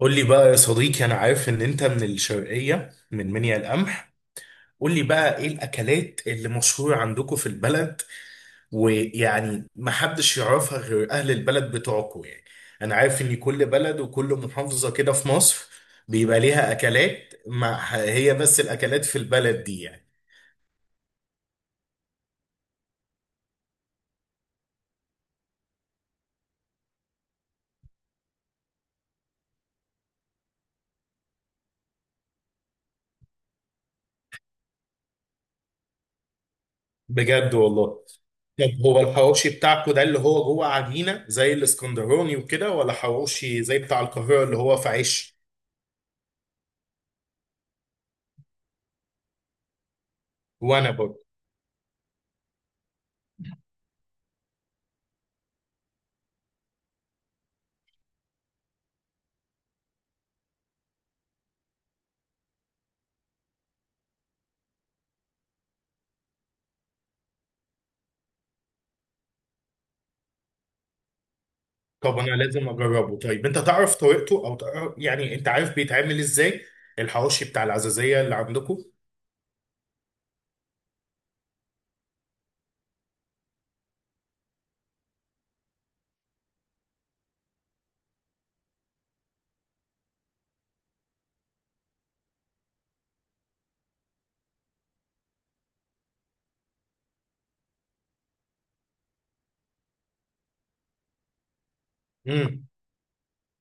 قول لي بقى يا صديقي، انا عارف ان انت من الشرقيه، من منيا القمح. قول لي بقى ايه الاكلات اللي مشهوره عندكم في البلد، ويعني ما حدش يعرفها غير اهل البلد بتوعكم يعني. انا عارف ان كل بلد وكل محافظه كده في مصر بيبقى ليها اكلات، ما هي بس الاكلات في البلد دي يعني. بجد والله؟ طب هو الحواوشي بتاعكم ده اللي هو جوه عجينه زي الاسكندراني وكده، ولا حواوشي زي بتاع القاهره اللي هو في عيش؟ وانا برضه. طب انا لازم اجربه. طيب انت تعرف طريقته، او تعرف يعني انت عارف بيتعمل ازاي الحواوشي بتاع العزازية اللي عندكم؟ امم.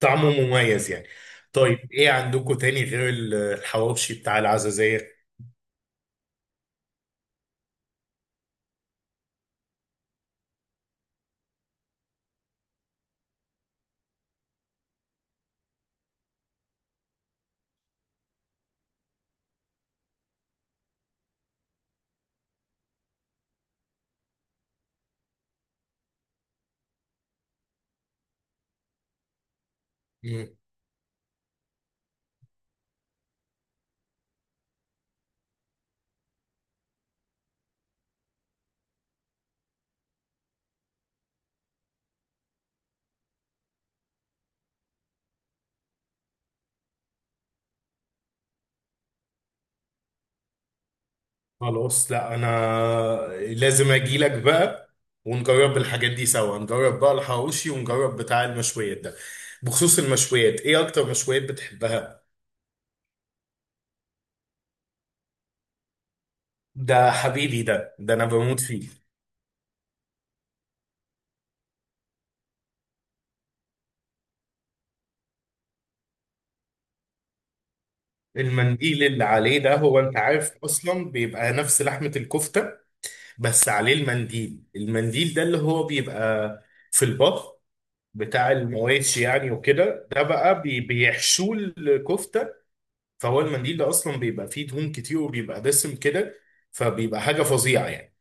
طعمه مميز يعني. طيب ايه عندكم تاني غير الحواوشي بتاع العزازية؟ امم. خلاص، لا انا لازم اجي لك بقى، ونجرب الحاجات دي سوا، نجرب بقى الحواوشي ونجرب بتاع المشويات ده. بخصوص المشويات، ايه اكتر مشويات بتحبها؟ ده حبيبي، ده انا بموت فيه. المنديل اللي عليه ده، هو انت عارف اصلا بيبقى نفس لحمة الكفتة، بس عليه المنديل، المنديل ده اللي هو بيبقى في البط بتاع المواشي يعني وكده، ده بقى بيحشوه الكفتة، فهو المنديل ده اصلا بيبقى فيه دهون كتير وبيبقى دسم كده، فبيبقى حاجة فظيعة يعني.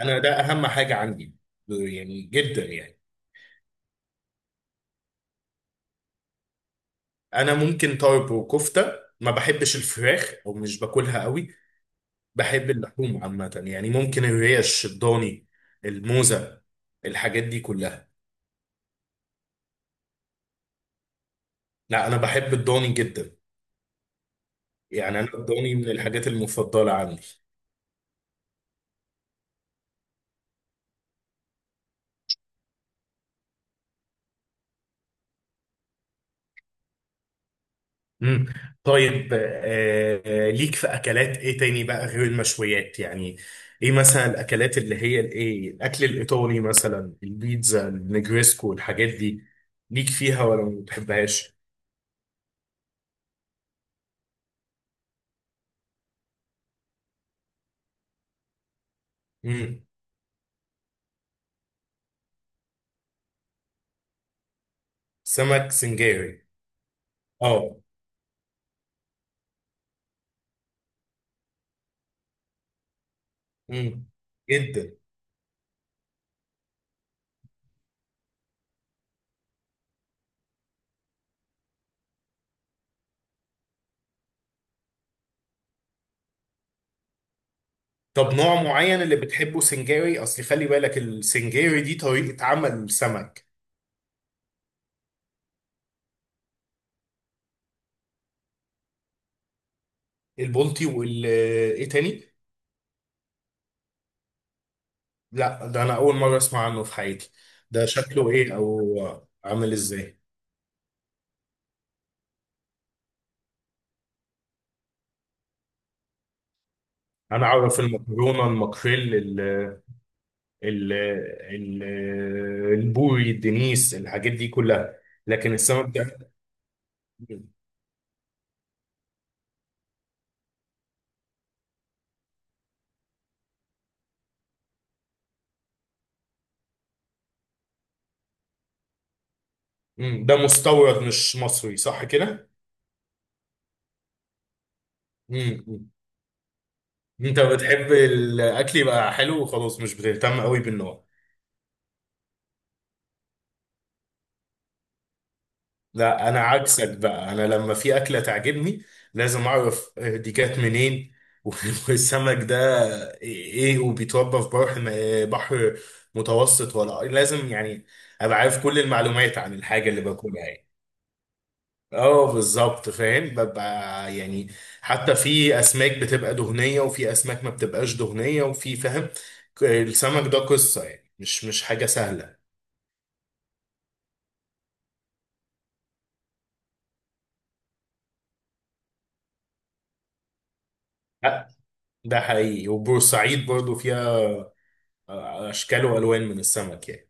انا ده اهم حاجة عندي، يعني جدا يعني. انا ممكن طرب وكفتة، ما بحبش الفراخ او مش باكلها قوي. بحب اللحوم عامة يعني، ممكن الريش الضاني، الموزة، الحاجات دي كلها. لا، أنا بحب الضاني جدا، يعني أنا الضاني من الحاجات المفضلة عندي. مم. طيب، ليك في أكلات إيه تاني بقى غير المشويات يعني؟ إيه مثلا الأكلات اللي هي الإيه، الأكل الإيطالي مثلا، البيتزا، النجريسكو، الحاجات دي، ليك فيها ولا ما بتحبهاش؟ مم. سمك سنجاري. اه. مم. جدا. طب نوع معين اللي بتحبه سنجاري؟ اصل خلي بالك السنجاري دي طريقة عمل سمك. البلطي ايه تاني؟ لا، ده انا اول مرة اسمع عنه في حياتي. ده شكله ايه او عامل ازاي؟ انا اعرف المكرونة، الماكريل، ال ال ال البوري، الدنيس، الحاجات دي كلها، لكن السمك ده. ده مستورد مش مصري صح كده؟ مم، مم. انت بتحب الاكل يبقى حلو وخلاص، مش بتهتم قوي بالنوع. لا انا عكسك بقى، انا لما في اكله تعجبني لازم اعرف دي جت منين. والسمك ده ايه، وبيتربى في بحر، بحر متوسط ولا إيه؟ لازم يعني ابقى عارف كل المعلومات عن الحاجه اللي باكلها يعني. اه بالظبط، فاهم ببقى يعني حتى في اسماك بتبقى دهنيه وفي اسماك ما بتبقاش دهنيه، وفي فاهم. السمك ده قصه يعني، مش حاجه سهله. لا ده حقيقي، وبورسعيد برضو فيها اشكال والوان من السمك يعني.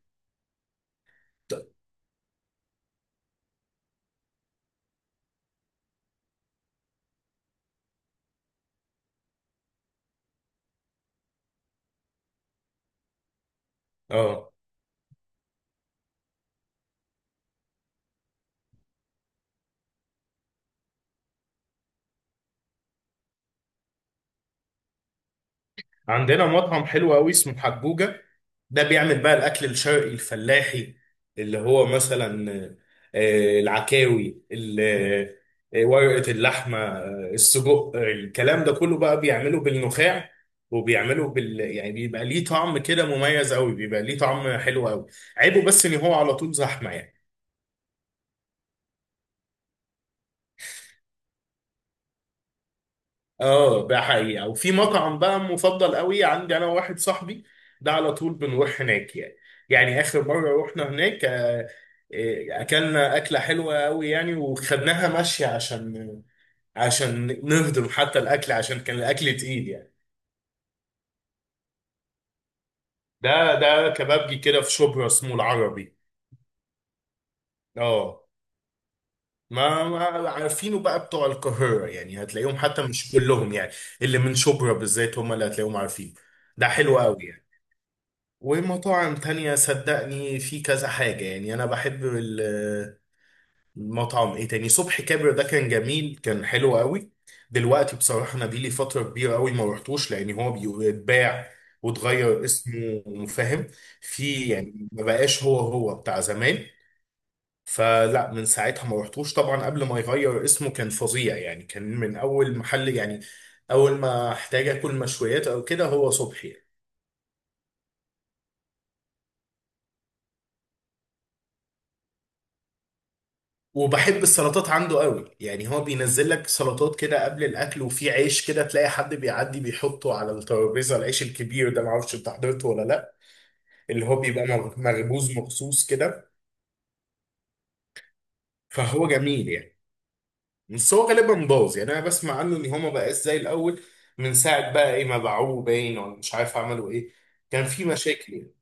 اه. عندنا مطعم حلو قوي اسمه حجوجة، ده بيعمل بقى الاكل الشرقي الفلاحي، اللي هو مثلا العكاوي، ورقة اللحمة، السجق، الكلام ده كله بقى بيعمله بالنخاع، وبيعمله يعني بيبقى ليه طعم كده مميز قوي، بيبقى ليه طعم حلو قوي. عيبه بس ان هو على طول زحمة يعني. اه ده حقيقة. وفي مطعم بقى مفضل قوي عندي انا وواحد صاحبي، ده على طول بنروح هناك يعني. يعني اخر مرة رحنا هناك اكلنا اكلة حلوة قوي يعني، وخدناها ماشية عشان نهضم حتى الاكل، عشان كان الاكل تقيل يعني. ده كبابجي كده في شبرا، اسمه العربي. اه ما عارفينه بقى بتوع القاهرة يعني، هتلاقيهم حتى مش كلهم يعني، اللي من شبرا بالذات هم اللي هتلاقيهم عارفين. ده حلو قوي يعني. ومطاعم تانية صدقني في كذا حاجة يعني. أنا بحب المطعم إيه تاني؟ صبحي كابر ده كان جميل، كان حلو قوي. دلوقتي بصراحة أنا بيلي فترة كبيرة قوي ما رحتوش، لأن هو بيتباع وتغير اسمه فاهم؟ في يعني ما بقاش هو هو بتاع زمان، فلا من ساعتها ما رحتوش. طبعا قبل ما يغير اسمه كان فظيع يعني، كان من أول محل يعني، أول ما احتاج آكل مشويات أو كده هو صبحي. وبحب السلطات عنده قوي يعني، هو بينزل لك سلطات كده قبل الاكل، وفي عيش كده تلاقي حد بيعدي بيحطه على الترابيزه، العيش الكبير ده، معرفش انت حضرته ولا لا، اللي هو بيبقى مخبوز مخصوص كده. فهو جميل يعني. بس هو غالبا باظ يعني، انا بسمع عنه ان هو ما بقاش زي الاول. من ساعه بقى ايه ما باعوه باين، ولا مش عارف عملوا ايه. كان في مشاكل يعني.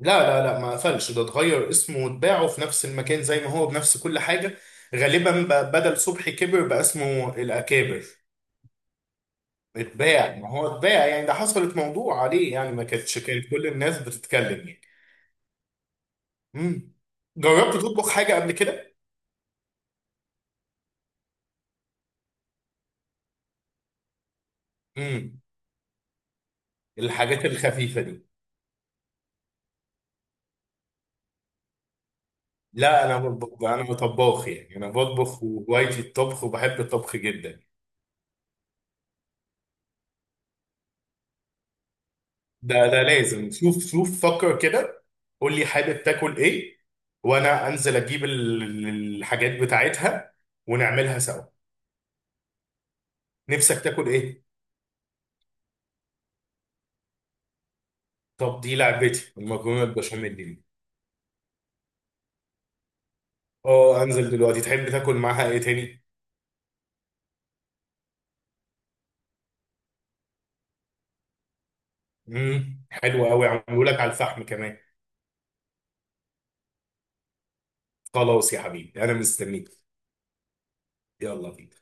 لا لا لا، ما قفلش. ده اتغير اسمه واتباعه في نفس المكان زي ما هو بنفس كل حاجه، غالبا بقى بدل صبحي كبر بقى اسمه الاكابر. اتباع، ما هو اتباع يعني، ده حصلت موضوع عليه يعني، ما كانتش كانت كل الناس بتتكلم يعني. امم. جربت تطبخ حاجة قبل كده؟ امم. الحاجات الخفيفة دي. لا انا بطبخ، انا طباخ يعني، انا بطبخ وهوايتي الطبخ، وبحب الطبخ جدا. ده لازم، شوف شوف فكر كده، قول لي حابب تاكل ايه، وانا انزل اجيب الحاجات بتاعتها، ونعملها سوا. نفسك تاكل ايه؟ طب دي لعبتي، المكرونة البشاميل دي. اه انزل دلوقتي، تحب تاكل معاها ايه تاني؟ حلو قوي، عملوا لك على الفحم كمان. خلاص يا حبيبي، انا مستنيك. يلا بينا.